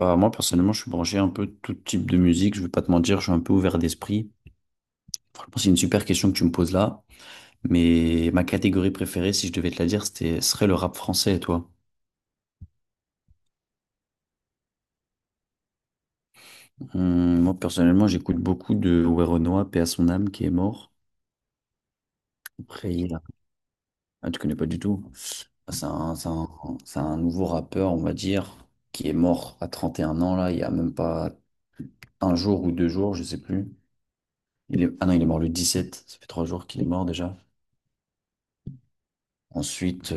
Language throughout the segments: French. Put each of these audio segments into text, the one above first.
Bah, moi, personnellement, je suis branché un peu tout type de musique. Je vais pas te mentir, je suis un peu ouvert d'esprit. Franchement, c'est une super question que tu me poses là. Mais ma catégorie préférée, si je devais te la dire, c'était, serait le rap français. Et toi? Moi, personnellement, j'écoute beaucoup de Werenoi, paix à son âme, qui est mort. Après, il a- ah, tu connais pas du tout. C'est un, c'est un, c'est un nouveau rappeur, on va dire, qui est mort à 31 ans, là. Il y a même pas un jour ou deux jours, je sais plus. Il est... Ah non, il est mort le 17. Ça fait 3 jours qu'il est mort déjà. Ensuite.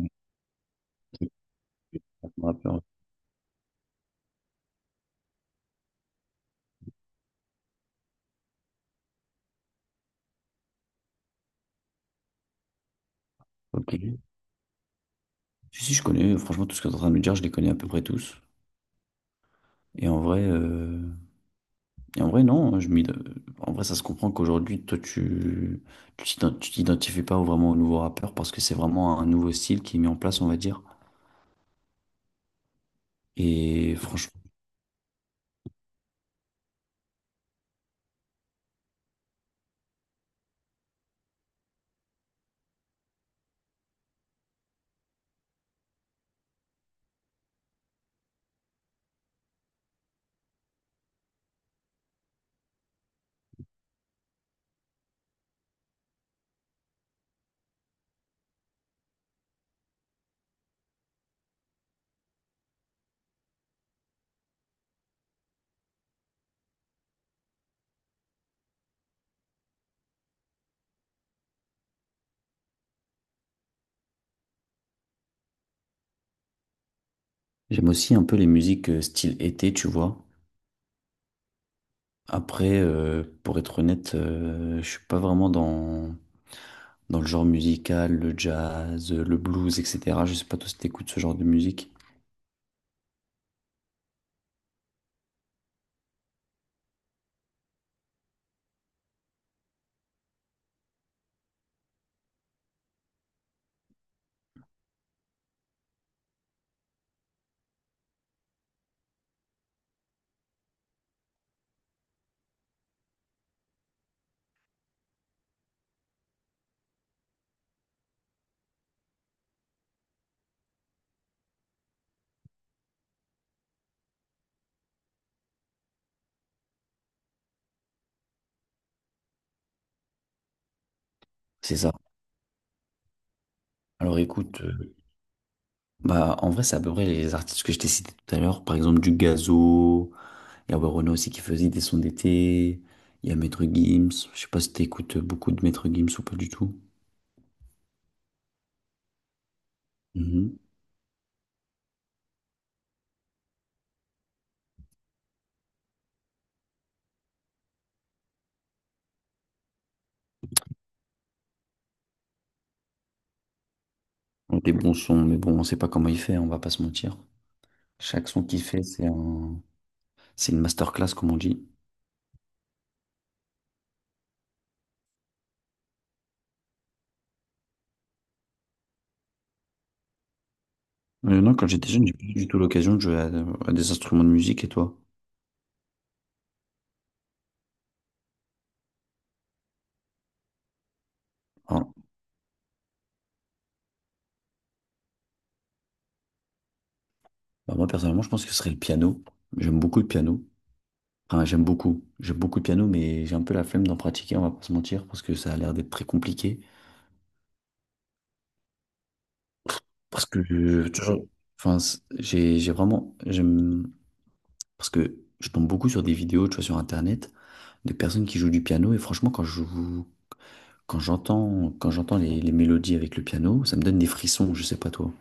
euh, Un rappeur, ok. Si, si, je connais, franchement, tout ce que tu es en train de me dire, je les connais à peu près tous. Et en vrai, non, en vrai, ça se comprend qu'aujourd'hui, toi, tu t'identifies pas vraiment au nouveau rappeur parce que c'est vraiment un nouveau style qui est mis en place, on va dire. Et franchement, j'aime aussi un peu les musiques style été, tu vois. Après, pour être honnête, je suis pas vraiment dans, dans le genre musical, le jazz, le blues, etc. Je sais pas toi si t'écoutes ce genre de musique. C'est ça. Alors écoute. Bah, en vrai, c'est à peu près les artistes que je t'ai cités tout à l'heure. Par exemple, du Gazo. Il y a Werenoi aussi qui faisait des sons d'été. Il y a Maître Gims. Je sais pas si t'écoutes beaucoup de Maître Gims ou pas du tout. Mhm. Des bons sons, mais bon, on sait pas comment il fait, on va pas se mentir. Chaque son qu'il fait, c'est un... c'est une masterclass, comme on dit. Mais non, quand j'étais jeune, j'ai pas eu du tout l'occasion de jouer à des instruments de musique. Et toi? Hein. Bah, moi, personnellement, je pense que ce serait le piano. J'aime beaucoup le piano. Enfin, j'aime beaucoup. J'aime beaucoup le piano, mais j'ai un peu la flemme d'en pratiquer, on va pas se mentir, parce que ça a l'air d'être très compliqué. Parce que toujours, enfin, j'ai vraiment, j'aime, parce que je tombe beaucoup sur des vidéos, tu vois, sur Internet, de personnes qui jouent du piano, et franchement, quand j'entends les mélodies avec le piano, ça me donne des frissons, je sais pas toi.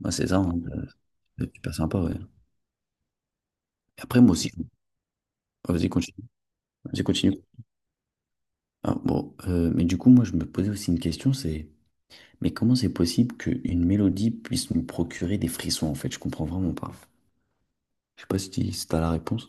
Moi, c'est ça, hein, c'est super sympa, ouais. Et après, moi aussi, ah, vas-y, continue, vas-y, continue. Ah, bon, mais du coup, moi, je me posais aussi une question, c'est, mais comment c'est possible qu'une mélodie puisse me procurer des frissons, en fait? Je comprends vraiment pas. Je sais pas si tu as la réponse.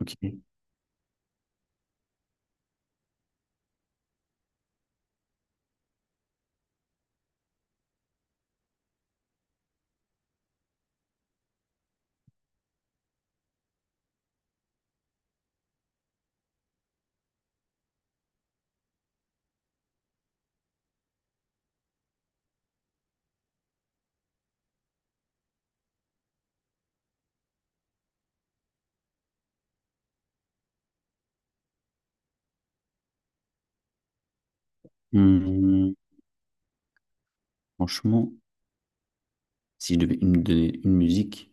Ok. Hum, Franchement, si je devais me donner une musique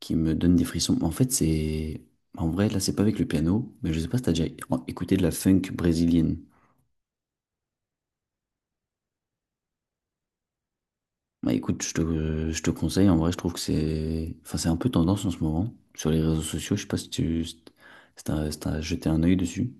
qui me donne des frissons, en fait, c'est. En vrai, là, c'est pas avec le piano, mais je sais pas si t'as déjà écouté de la funk brésilienne. Bah écoute, je te conseille, en vrai, je trouve que c'est. Enfin, c'est un peu tendance en ce moment. Sur les réseaux sociaux, je sais pas si tu. Si t'as si t'as jeté un œil dessus.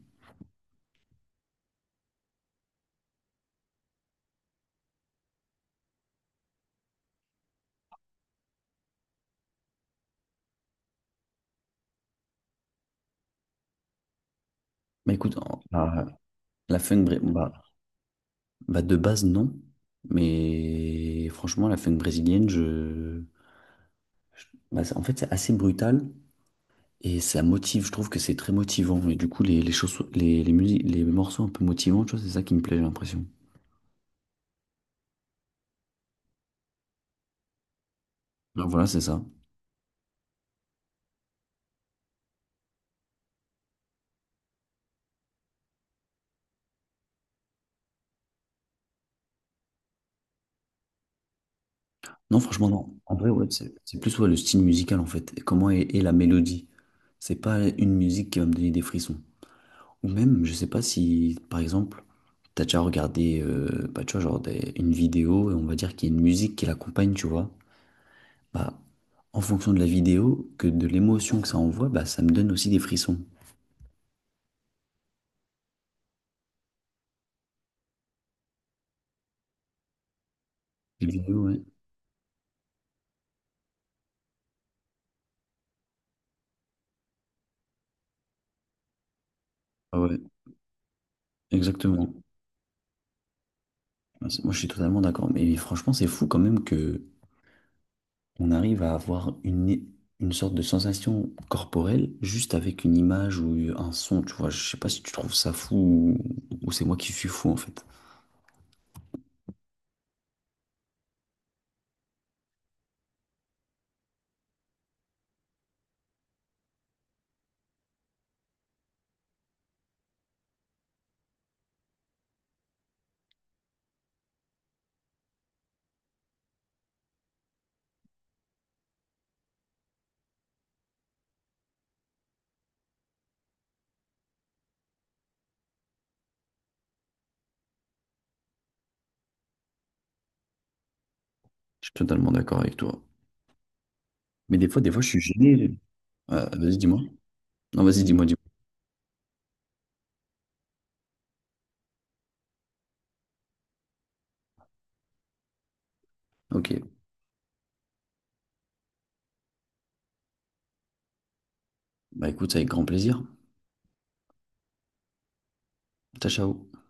Bah écoute, la funk brésilienne. Bah de base non, mais franchement la funk brésilienne, je- bah, c'est- en fait c'est assez brutal et ça motive, je trouve que c'est très motivant et du coup les morceaux un peu motivants, tu vois, c'est ça qui me plaît j'ai l'impression. Donc voilà c'est ça. Non franchement non, en vrai ouais, c'est plus ouais, le style musical en fait, et comment est la mélodie. C'est pas une musique qui va me donner des frissons. Ou même, je sais pas si par exemple... T'as déjà regardé, bah, tu vois, une vidéo et on va dire qu'il y a une musique qui l'accompagne, tu vois. Bah, en fonction de la vidéo que de l'émotion que ça envoie, bah, ça me donne aussi des frissons. Les vidéos, ouais. Ah ouais, exactement. Ah, c'est- moi, je suis totalement d'accord. Mais franchement, c'est fou quand même que on arrive à avoir une sorte de sensation corporelle juste avec une image ou un son. Tu vois, je sais pas si tu trouves ça fou ou c'est moi qui suis fou en fait. Je suis totalement d'accord avec toi. Mais des fois, je suis gêné. Vas-y, dis-moi. Non, vas-y, dis-moi. Ok. Bah écoute, avec grand plaisir. Ciao, ciao.